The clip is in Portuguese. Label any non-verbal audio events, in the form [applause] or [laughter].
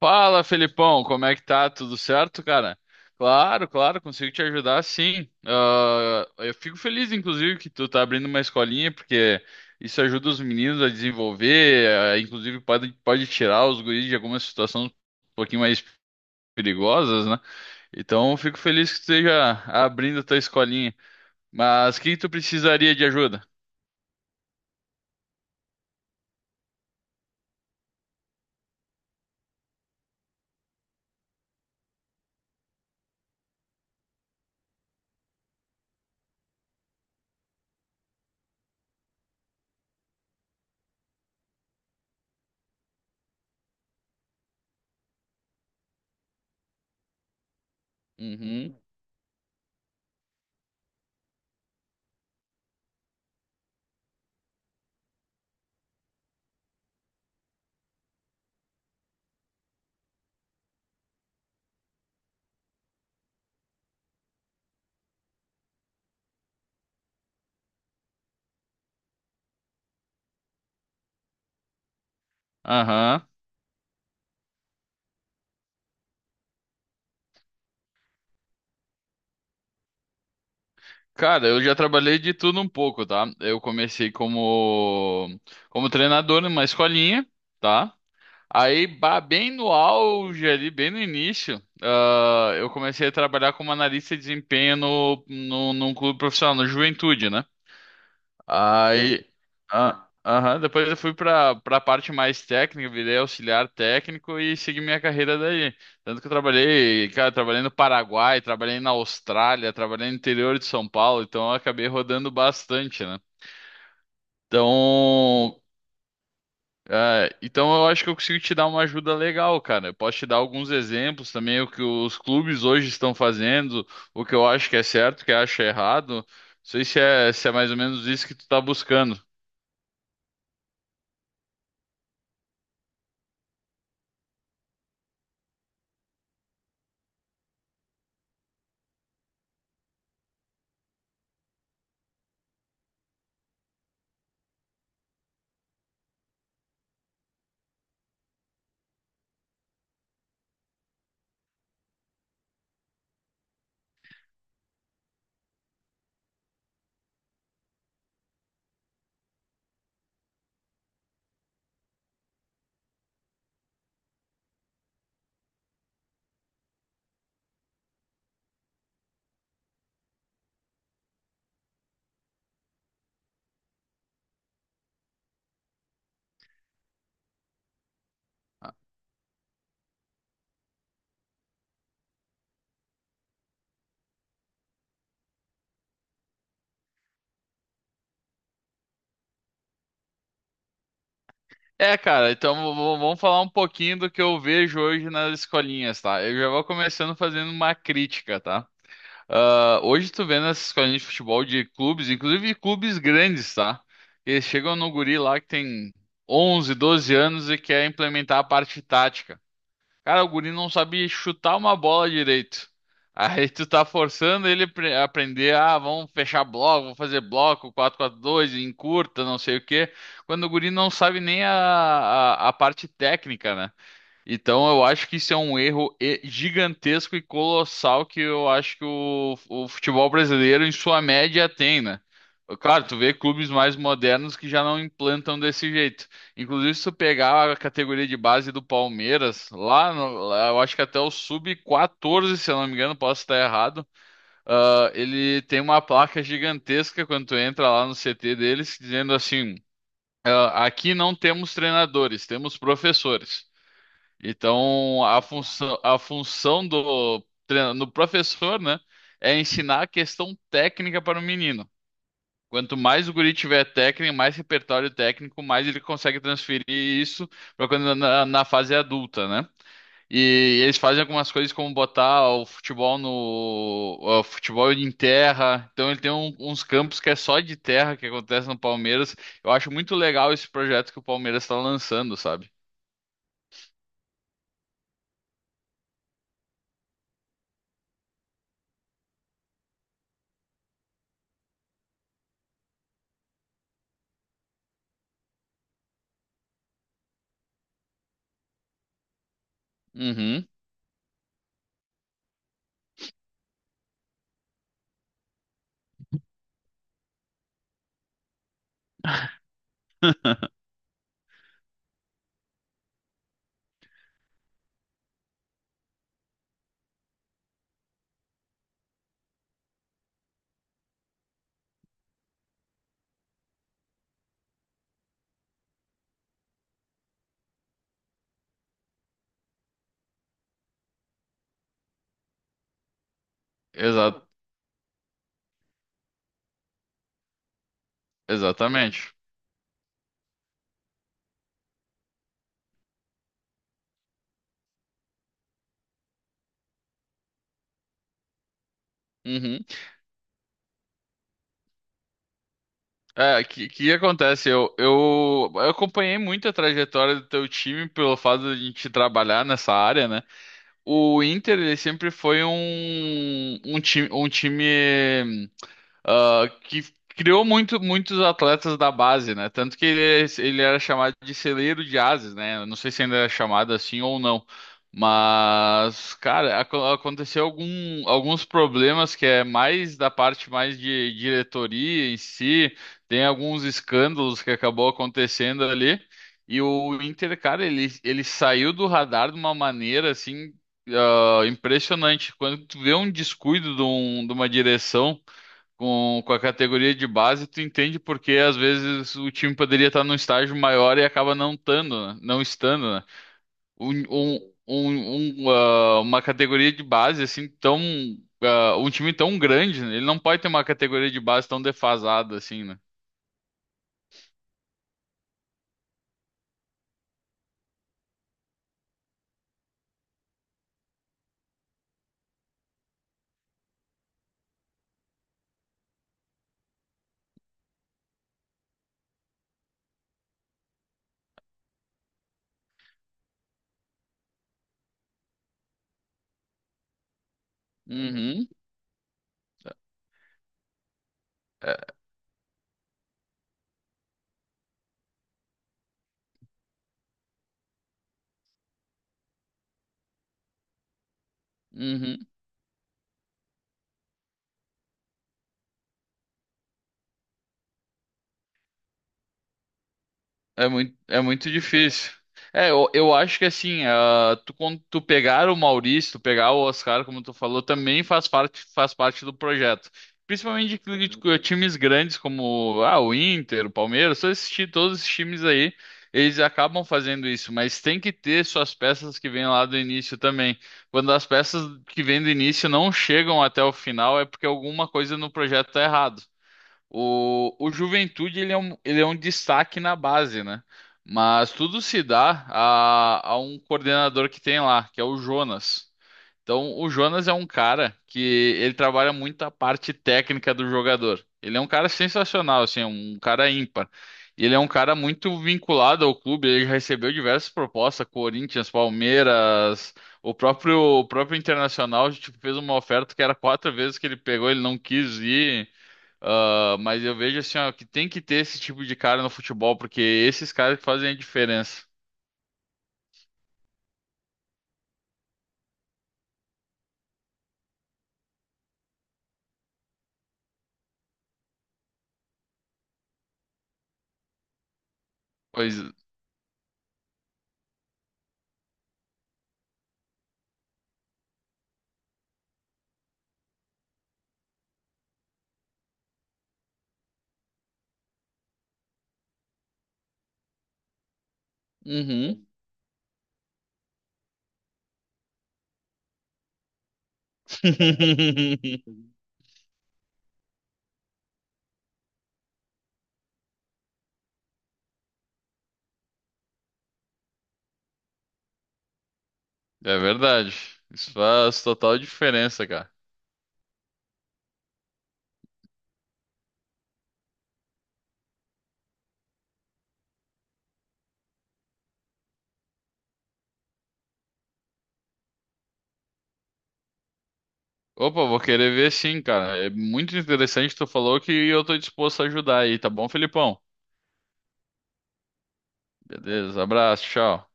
Fala, Felipão, como é que tá? Tudo certo, cara? Claro, claro, consigo te ajudar, sim. Eu fico feliz, inclusive, que tu tá abrindo uma escolinha, porque isso ajuda os meninos a desenvolver, inclusive pode tirar os guris de algumas situações um pouquinho mais perigosas, né? Então, eu fico feliz que tu esteja abrindo a tua escolinha. Mas o que que tu precisaria de ajuda? Uhum. Aham. Cara, eu já trabalhei de tudo um pouco, tá? Eu comecei como treinador numa escolinha, tá? Aí, bah, bem no auge ali, bem no início, eu comecei a trabalhar como analista de desempenho num clube profissional, no Juventude, né? Aí, aham, depois eu fui para a parte mais técnica, virei auxiliar técnico e segui minha carreira daí. Tanto que eu trabalhei, cara, trabalhei no Paraguai, trabalhei na Austrália, trabalhei no interior de São Paulo, então eu acabei rodando bastante, né? Então, então, eu acho que eu consigo te dar uma ajuda legal, cara. Eu posso te dar alguns exemplos também, o que os clubes hoje estão fazendo, o que eu acho que é certo, o que eu acho errado. Não sei se é mais ou menos isso que tu tá buscando. É, cara, então vamos falar um pouquinho do que eu vejo hoje nas escolinhas, tá? Eu já vou começando fazendo uma crítica, tá? Hoje tu vê nas escolinhas de futebol de clubes, inclusive de clubes grandes, tá? Eles chegam no guri lá que tem 11, 12 anos e quer implementar a parte tática. Cara, o guri não sabe chutar uma bola direito. Aí tu tá forçando ele a aprender, vamos fechar bloco, vou fazer bloco, 4-4-2, encurta, não sei o quê. Quando o guri não sabe nem a parte técnica, né? Então eu acho que isso é um erro gigantesco e colossal que eu acho que o futebol brasileiro, em sua média, tem, né? Claro, tu vê clubes mais modernos que já não implantam desse jeito. Inclusive, se tu pegar a categoria de base do Palmeiras, lá, no- lá eu acho que até o sub-14, se eu não me engano, posso estar errado, ele tem uma placa gigantesca quando tu entra lá no CT deles, dizendo assim, aqui não temos treinadores, temos professores. Então, a função do, do professor, né, é ensinar a questão técnica para o menino. Quanto mais o guri tiver técnica, mais repertório técnico, mais ele consegue transferir isso para quando na fase adulta, né? E eles fazem algumas coisas como botar o futebol no o futebol em terra. Então ele tem uns campos que é só de terra que acontece no Palmeiras. Eu acho muito legal esse projeto que o Palmeiras está lançando, sabe? Uhum. [laughs] Exato. Exatamente. Uhum. É, o que que acontece? Eu acompanhei muito a trajetória do teu time pelo fato de a gente trabalhar nessa área, né? O Inter, ele sempre foi um time. Que criou muitos atletas da base, né? Tanto que ele era chamado de celeiro de ases, né? Eu não sei se ainda é chamado assim ou não. Mas, cara, aconteceu alguns problemas que é mais da parte mais de diretoria em si, tem alguns escândalos que acabou acontecendo ali. E o Inter, cara, ele saiu do radar de uma maneira assim, impressionante. Quando tu vê um descuido de, de uma direção. Com a categoria de base, tu entende porque às vezes o time poderia estar num estágio maior e acaba não estando, né? Não estando, né? Uma categoria de base assim tão, um time tão grande, né? Ele não pode ter uma categoria de base tão defasada assim, né? Uhum. É, uhum. É muito difícil. É, eu acho que assim, tu, quando tu pegar o Maurício, tu pegar o Oscar, como tu falou, também faz parte do projeto. Principalmente de times grandes como o Inter, o Palmeiras, só assistir todos esses times aí, eles acabam fazendo isso, mas tem que ter suas peças que vêm lá do início também. Quando as peças que vêm do início não chegam até o final, é porque alguma coisa no projeto tá errado. O Juventude ele é um destaque na base, né? Mas tudo se dá a um coordenador que tem lá, que é o Jonas. Então, o Jonas é um cara que ele trabalha muito a parte técnica do jogador. Ele é um cara sensacional, assim, é um cara ímpar. E ele é um cara muito vinculado ao clube, ele já recebeu diversas propostas, Corinthians, Palmeiras, o próprio Internacional, tipo, fez uma oferta que era quatro vezes que ele pegou, ele não quis ir. Ah, mas eu vejo assim, ó, que tem que ter esse tipo de cara no futebol, porque esses caras que fazem a diferença. Pois. Uhum. [laughs] É verdade. Isso faz total diferença, cara. Opa, vou querer ver sim, cara. É muito interessante, tu falou que eu tô disposto a ajudar aí, tá bom, Felipão? Beleza, abraço, tchau.